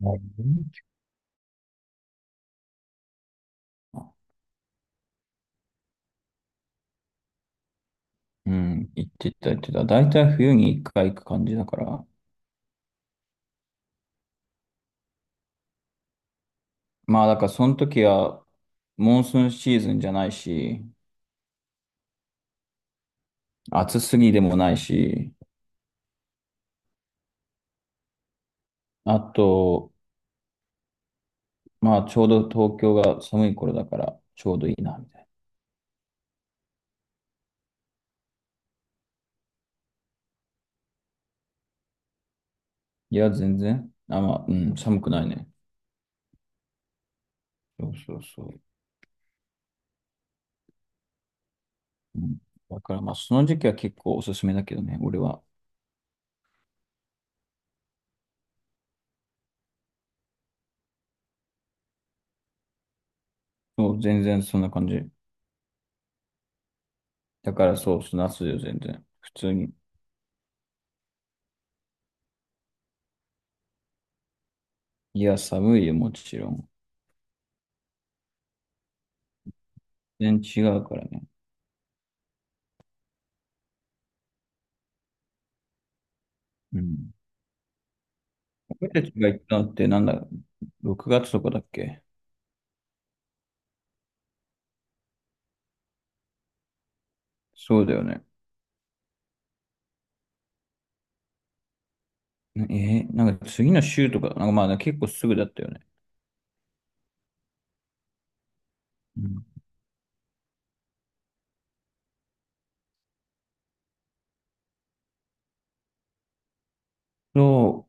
なるほどね。うん、行ってた、行ってた。大体冬に一回行く感じだから。まあ、だからその時は、モンスーンシーズンじゃないし、暑すぎでもないし、あと、まあ、ちょうど東京が寒い頃だから、ちょうどいいな、みたいな。いや、全然。あ、まあ、うん、寒くないね。そうそうそう。うん、だから、まあ、その時期は結構おすすめだけどね、俺は。そう、全然そんな感じ。だから、そう、夏よ、全然。普通に。いや、寒いよ、もちろん。全然違うからね。うん。僕たちが行ったのってなんだ、6月とかだっけ？そうだよね。なえーなんか次の週とか、なんかまあね結構すぐだったよね。うん。そ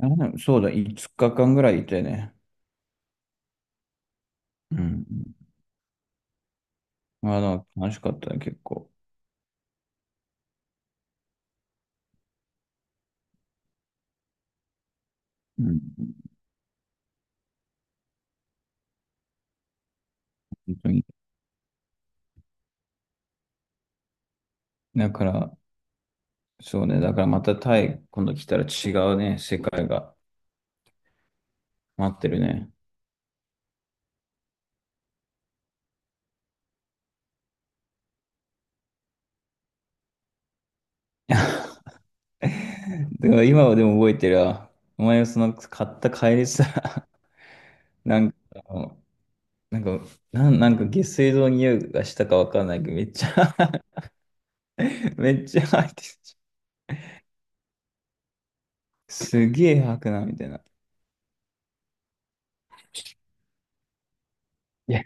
う、あれだよねそうだ、5日間ぐらいいてね。うん。まあ、楽しかったね、結構。うん。本当に。だから、そうね、だからまたタイ、今度来たら違うね、世界が待ってるね。だから今はでも覚えてるわ。お前がその買った帰りさ、なんか、あのなんか、なんか下水道の匂いがしたかわかんないけど、めっちゃ めっちゃ吐いてる。すげえ吐くな、みたいな。いや、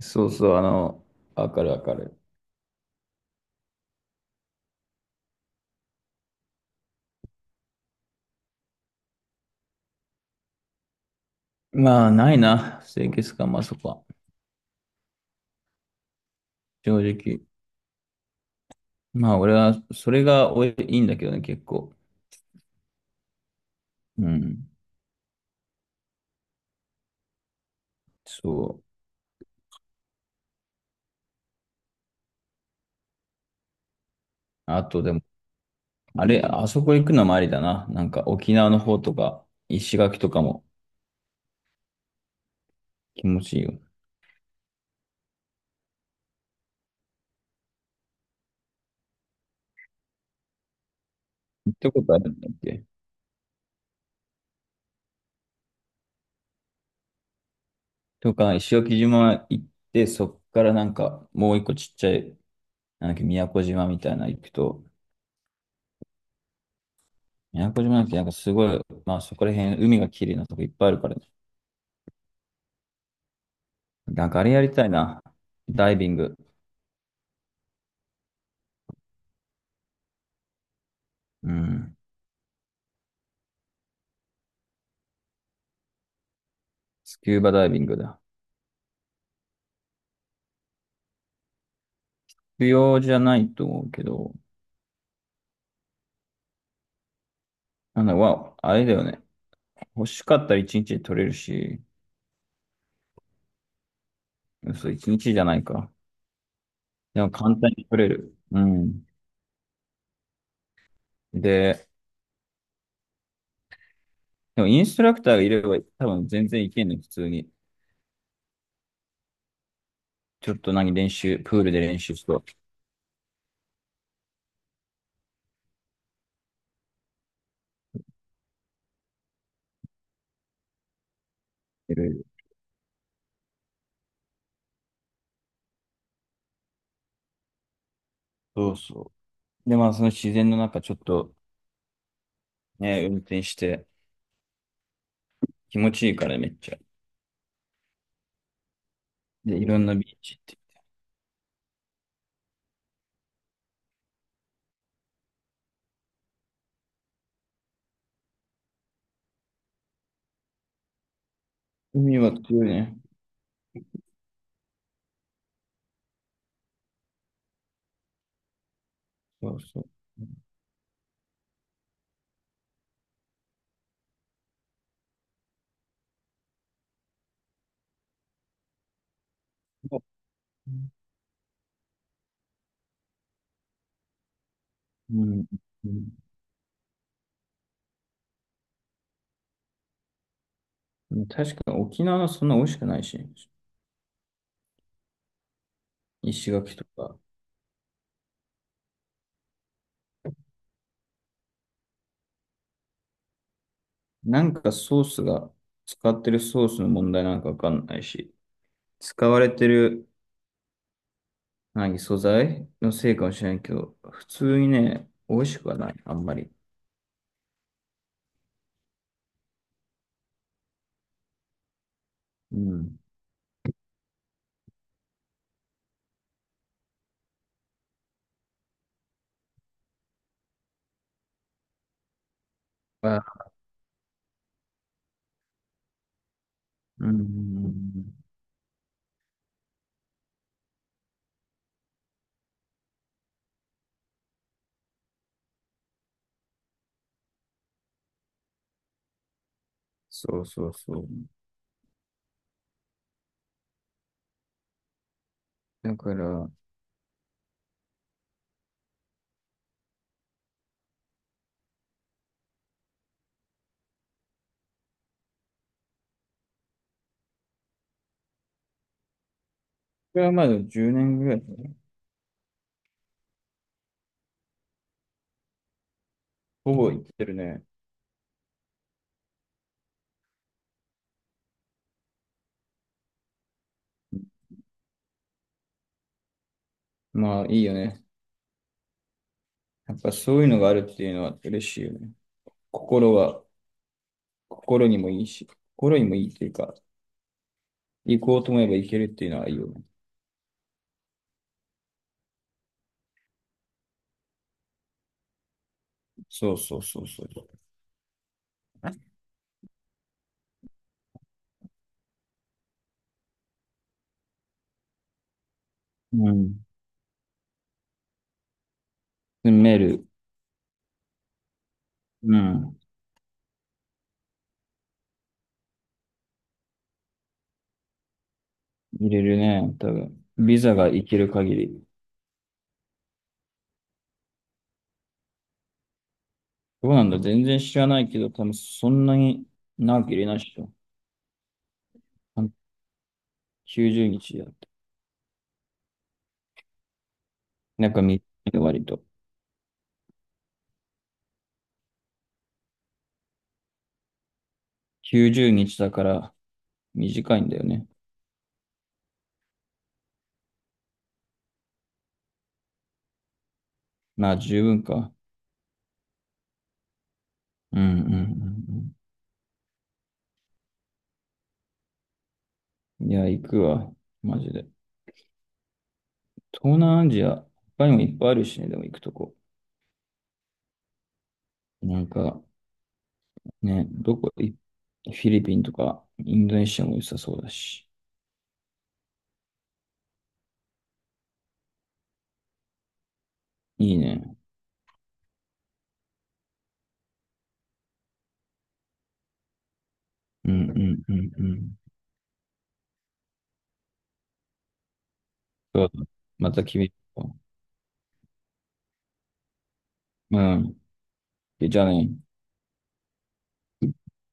そうそう、あの、わかるわかる。まあ、ないな、清潔感、まあそこは。正直。まあ、俺は、それがいいんだけどね、結構。うん。そう。あと、でも、あれ、あそこ行くのもありだな。なんか、沖縄の方とか、石垣とかも気持ちいいよ。行ったことあるんだっけ？とか、石垣島行って、そっからなんか、もう一個ちっちゃい、なんだっけ、宮古島みたいなの行くと、宮古島なんてなんかすごい、まあそこら辺、海が綺麗なとこいっぱいあるからね。なんかあれやりたいな。ダイビング。うん。スキューバダイビングだ。必要じゃないと思うけど、なんだ、わ、あれだよね。欲しかったら一日で取れるし、嘘、一日じゃないか。でも簡単に取れる。うん。で、でもインストラクターがいれば多分全然いけんの、普通に。ちょっと何練習、プールで練習しと、いろいろ。そうそう。で、まあその自然の中ちょっとね、運転して気持ちいいからめっちゃ。で、いろんなビーチ行って。海は強いね。そうそう。うん。うん、確かに沖縄のそんな美味しくないし、石垣とか。なんかソースが、使ってるソースの問題なんかわかんないし、使われてる何素材のせいかもしれないけど、普通にね、美味しくはない、あんまり。うん。まあ、うん。そうそうそう。だから、これはまだ10年ぐらいかな、ほぼ行ってるね。まあいいよね。やっぱそういうのがあるっていうのは嬉しいよね。心は、心にもいいし、心にもいいっていうか、行こうと思えば行けるっていうのはいいよね。そうそうそうそう。うん。でメール、うん。入れるね、多分。ビザが行ける限り。どうなんだ全然知らないけど、多分そんなに長く入れないっしょ。90日だ。なんか短いの割と。90日だから短いんだよね。まあ十分か。うんうんうんうん。いや、行くわ。マジで。東南アジア、他にもいっぱいあるしね、でも行くとこ。なんか、ね、どこ、いフィリピンとか、インドネシアも良さそうだし。いいね。うんうんうんうん。そうだ。また君と。うん。じゃあね。